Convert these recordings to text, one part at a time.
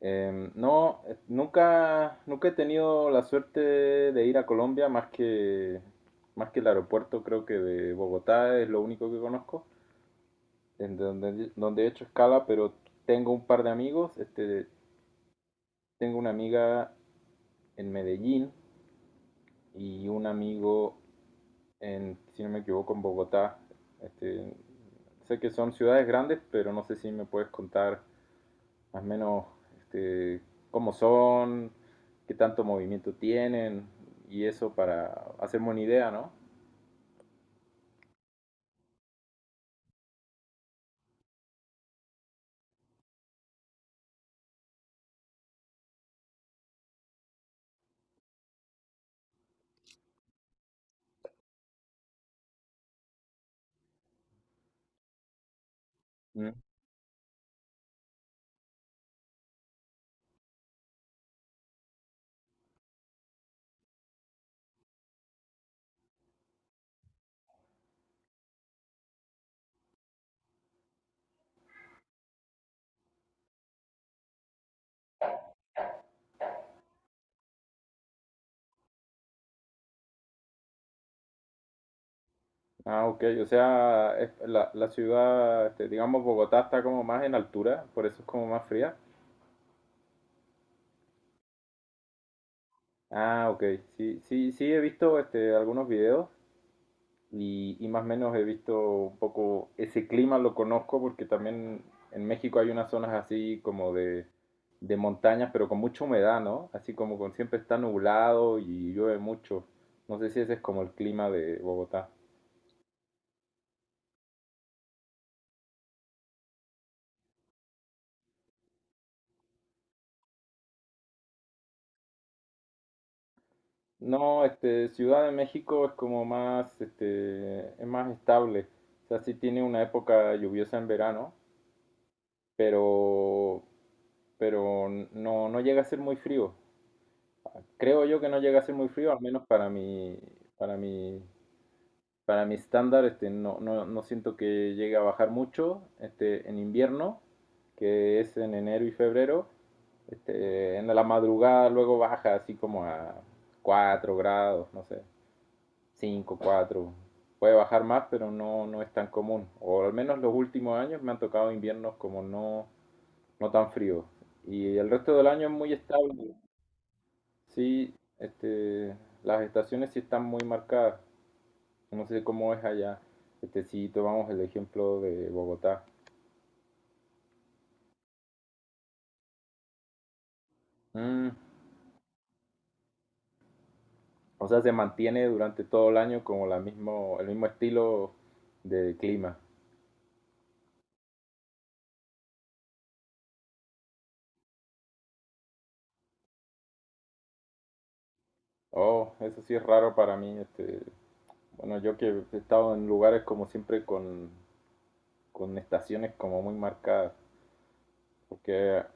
No, nunca he tenido la suerte de ir a Colombia más que el aeropuerto, creo que de Bogotá es lo único que conozco, en donde he hecho escala, pero tengo un par de amigos, este, tengo una amiga en Medellín y un amigo en, si no me equivoco, en Bogotá. Este, sé que son ciudades grandes, pero no sé si me puedes contar más o menos este, cómo son, qué tanto movimiento tienen y eso para hacerme una idea, ¿no? Mm. Ah, ok, o sea, la ciudad, este, digamos, Bogotá está como más en altura, por eso es como más fría. Ah, ok, sí, sí, sí, he visto este, algunos videos y más o menos he visto un poco ese clima, lo conozco porque también en México hay unas zonas así como de montañas, pero con mucha humedad, ¿no? Así como con siempre está nublado y llueve mucho. No sé si ese es como el clima de Bogotá. No, este, Ciudad de México es como más, este, es más estable. O sea, sí tiene una época lluviosa en verano, pero, pero no llega a ser muy frío. Creo yo que no llega a ser muy frío, al menos para mi, para mi estándar, este, no siento que llegue a bajar mucho, este, en invierno, que es en enero y febrero, este, en la madrugada luego baja así como a 4 grados, no sé, 5, 4. Puede bajar más, pero no es tan común, o al menos los últimos años me han tocado inviernos como no, no tan fríos, y el resto del año es muy estable. Sí, este, las estaciones sí están muy marcadas. No sé cómo es allá. Este, si tomamos el ejemplo de Bogotá. Mm, o sea, se mantiene durante todo el año como el mismo estilo de clima. Oh, eso sí es raro para mí. Este, bueno, yo que he estado en lugares como siempre con estaciones como muy marcadas. Porque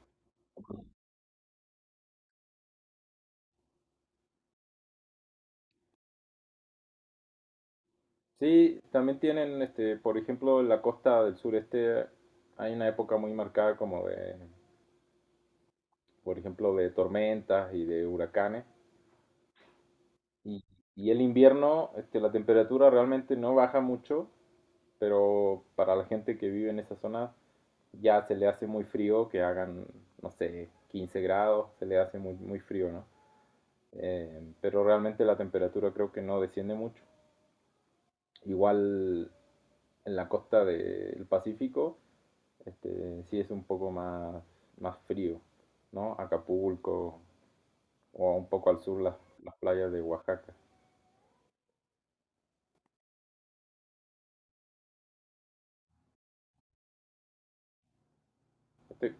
sí, también tienen, este, por ejemplo, en la costa del sureste hay una época muy marcada como de por ejemplo, de tormentas y de huracanes. Y, y el invierno, este, la temperatura realmente no baja mucho, pero para la gente que vive en esa zona ya se le hace muy frío que hagan, no sé, 15 grados, se le hace muy, muy frío, ¿no? Pero realmente la temperatura creo que no desciende mucho. Igual en la costa del Pacífico, este, sí es un poco más, más frío, ¿no? Acapulco o un poco al sur las playas de Oaxaca. Este,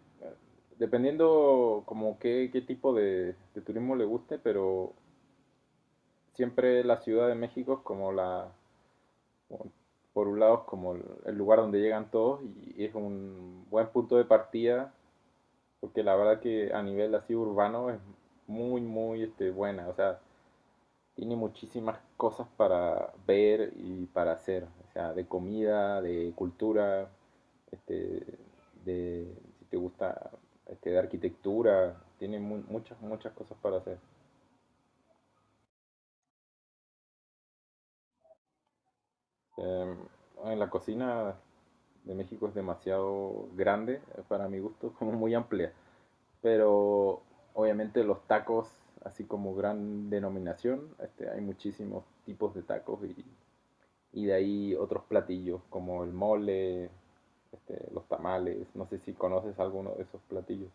dependiendo como qué, qué tipo de turismo le guste, pero siempre la Ciudad de México es como como- por un lado es como el lugar donde llegan todos y es un buen punto de partida, porque la verdad que a nivel así urbano es muy, muy este, buena. O sea, tiene muchísimas cosas para ver y para hacer, o sea, de comida, de cultura, este, de, si te gusta, este, de arquitectura, tiene mu muchas, muchas cosas para hacer. Eh, en la cocina de México es demasiado grande, para mi gusto, como muy amplia, pero obviamente los tacos, así como gran denominación, este, hay muchísimos tipos de tacos y de ahí otros platillos como el mole, este, los tamales, no sé si conoces alguno de esos platillos.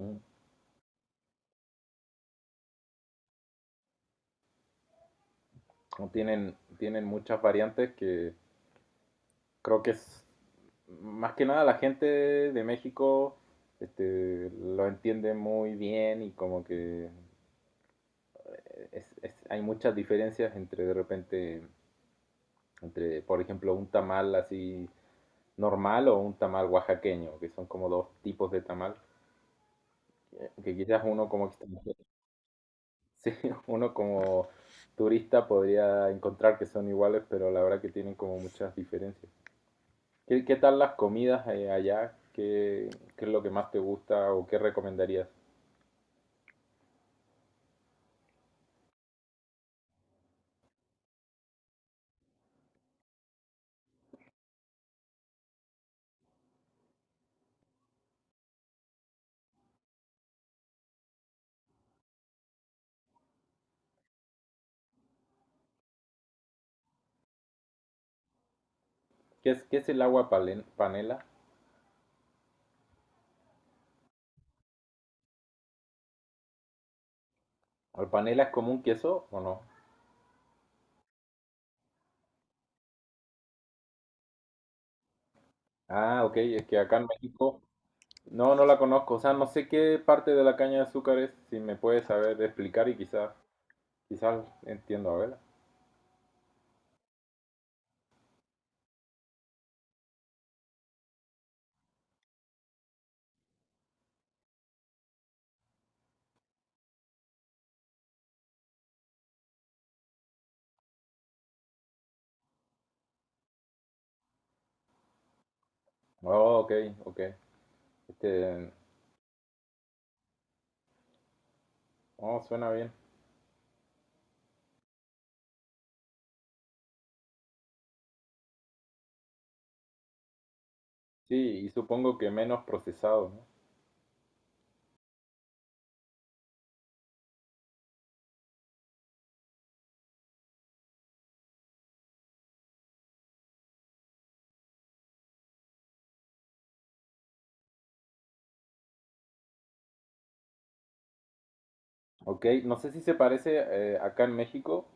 Mm. Tienen muchas variantes que creo que es más que nada la gente de México este, lo entiende muy bien y como que hay muchas diferencias entre de repente, entre por ejemplo un tamal así normal o un tamal oaxaqueño, que son como dos tipos de tamal, que quizás uno como que sí, uno como turista podría encontrar que son iguales, pero la verdad que tienen como muchas diferencias. ¿Qué, qué tal las comidas allá? ¿Qué, qué es lo que más te gusta o qué recomendarías? Qué es el panela? ¿El panela es como un queso o no? Ah, ok, es que acá en México no la conozco, o sea, no sé qué parte de la caña de azúcar es, si me puedes saber explicar y quizás, quizás entiendo, a ver. Oh, ok, ok. Este, oh, suena bien. Sí, y supongo que menos procesado, ¿no? Ok, no sé si se parece, acá en México,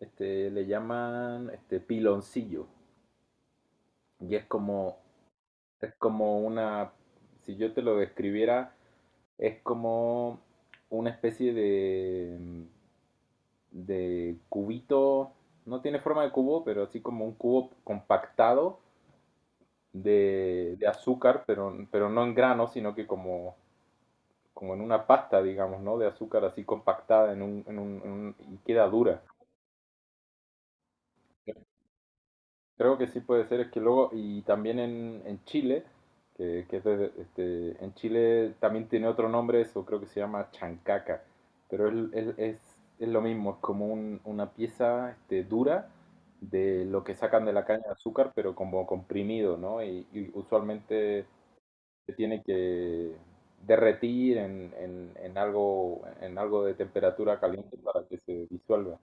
este, le llaman este piloncillo. Y es es como una, si yo te lo describiera, es como una especie de cubito, no tiene forma de cubo, pero así como un cubo compactado de azúcar, pero no en grano, sino que como como en una pasta, digamos, ¿no? De azúcar así compactada en en y queda dura. Creo que sí puede ser, es que luego, y también en Chile, que es este, en Chile también tiene otro nombre eso, creo que se llama chancaca, pero es lo mismo, es como una pieza este, dura de lo que sacan de la caña de azúcar, pero como comprimido, ¿no? Y usualmente se tiene que derretir en algo de temperatura caliente para que se disuelva.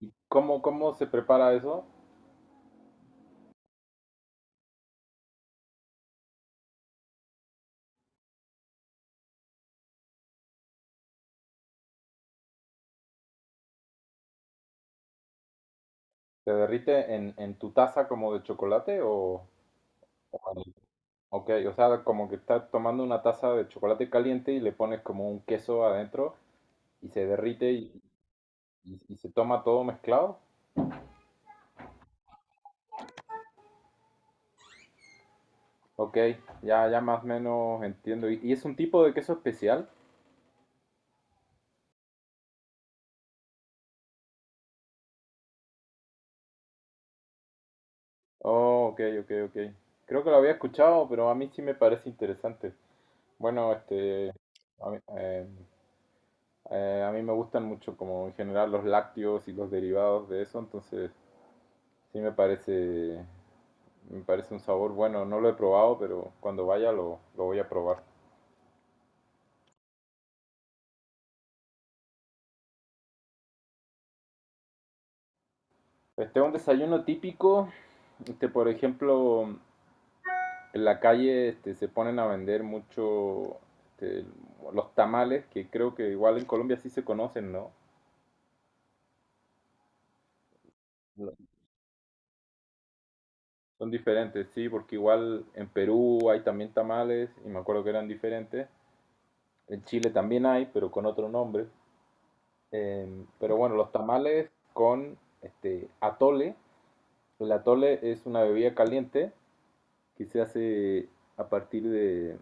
¿Y cómo, cómo se prepara eso? ¿Se derrite en tu taza como de chocolate o ok, o sea, como que estás tomando una taza de chocolate caliente y le pones como un queso adentro y se derrite y se toma todo mezclado. Ok, ya, ya más o menos entiendo. Y es un tipo de queso especial? Oh, ok, ok, ok. Creo que lo había escuchado, pero a mí sí me parece interesante. Bueno, este, a mí, eh, a mí me gustan mucho como en general los lácteos y los derivados de eso, entonces sí me parece un sabor bueno. No lo he probado, pero cuando vaya lo voy a probar. Este un desayuno típico, este, por ejemplo, en la calle este, se ponen a vender mucho este, los tamales, que creo que igual en Colombia sí se conocen, ¿no? Son diferentes, sí, porque igual en Perú hay también tamales y me acuerdo que eran diferentes. En Chile también hay, pero con otro nombre. Pero bueno, los tamales con este atole. El atole es una bebida caliente que se hace a partir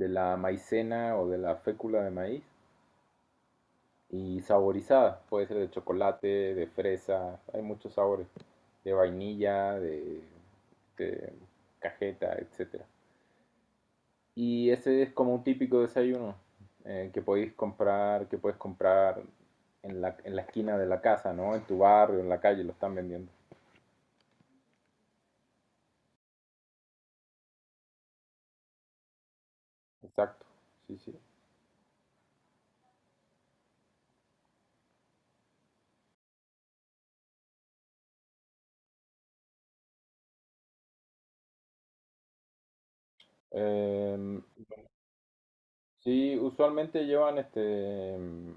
de la maicena o de la fécula de maíz y saborizada. Puede ser de chocolate, de fresa, hay muchos sabores. De vainilla, de cajeta, etcétera. Y ese es como un típico desayuno que puedes comprar en en la esquina de la casa, ¿no? En tu barrio, en la calle, lo están vendiendo. Exacto, sí, sí. Em, sí, usualmente llevan este,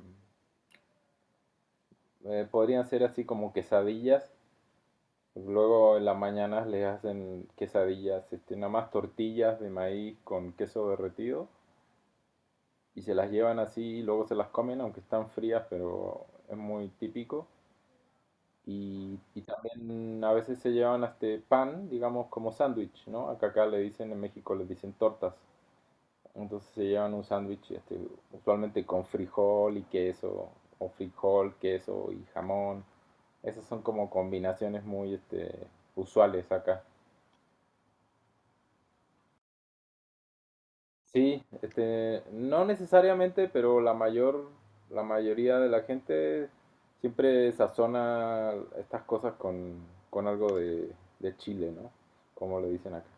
podrían ser así como quesadillas. Luego en las mañanas les hacen quesadillas, este, nada más tortillas de maíz con queso derretido y se las llevan así y luego se las comen, aunque están frías, pero es muy típico. Y también a veces se llevan hasta pan, digamos, como sándwich, ¿no? Acá le dicen, en México les dicen tortas. Entonces se llevan un sándwich, este, usualmente con frijol y queso, o frijol, queso y jamón. Esas son como combinaciones muy, este, usuales acá. Sí, este, no necesariamente, pero la mayoría de la gente siempre sazona estas cosas con algo de chile, ¿no? Como le dicen acá.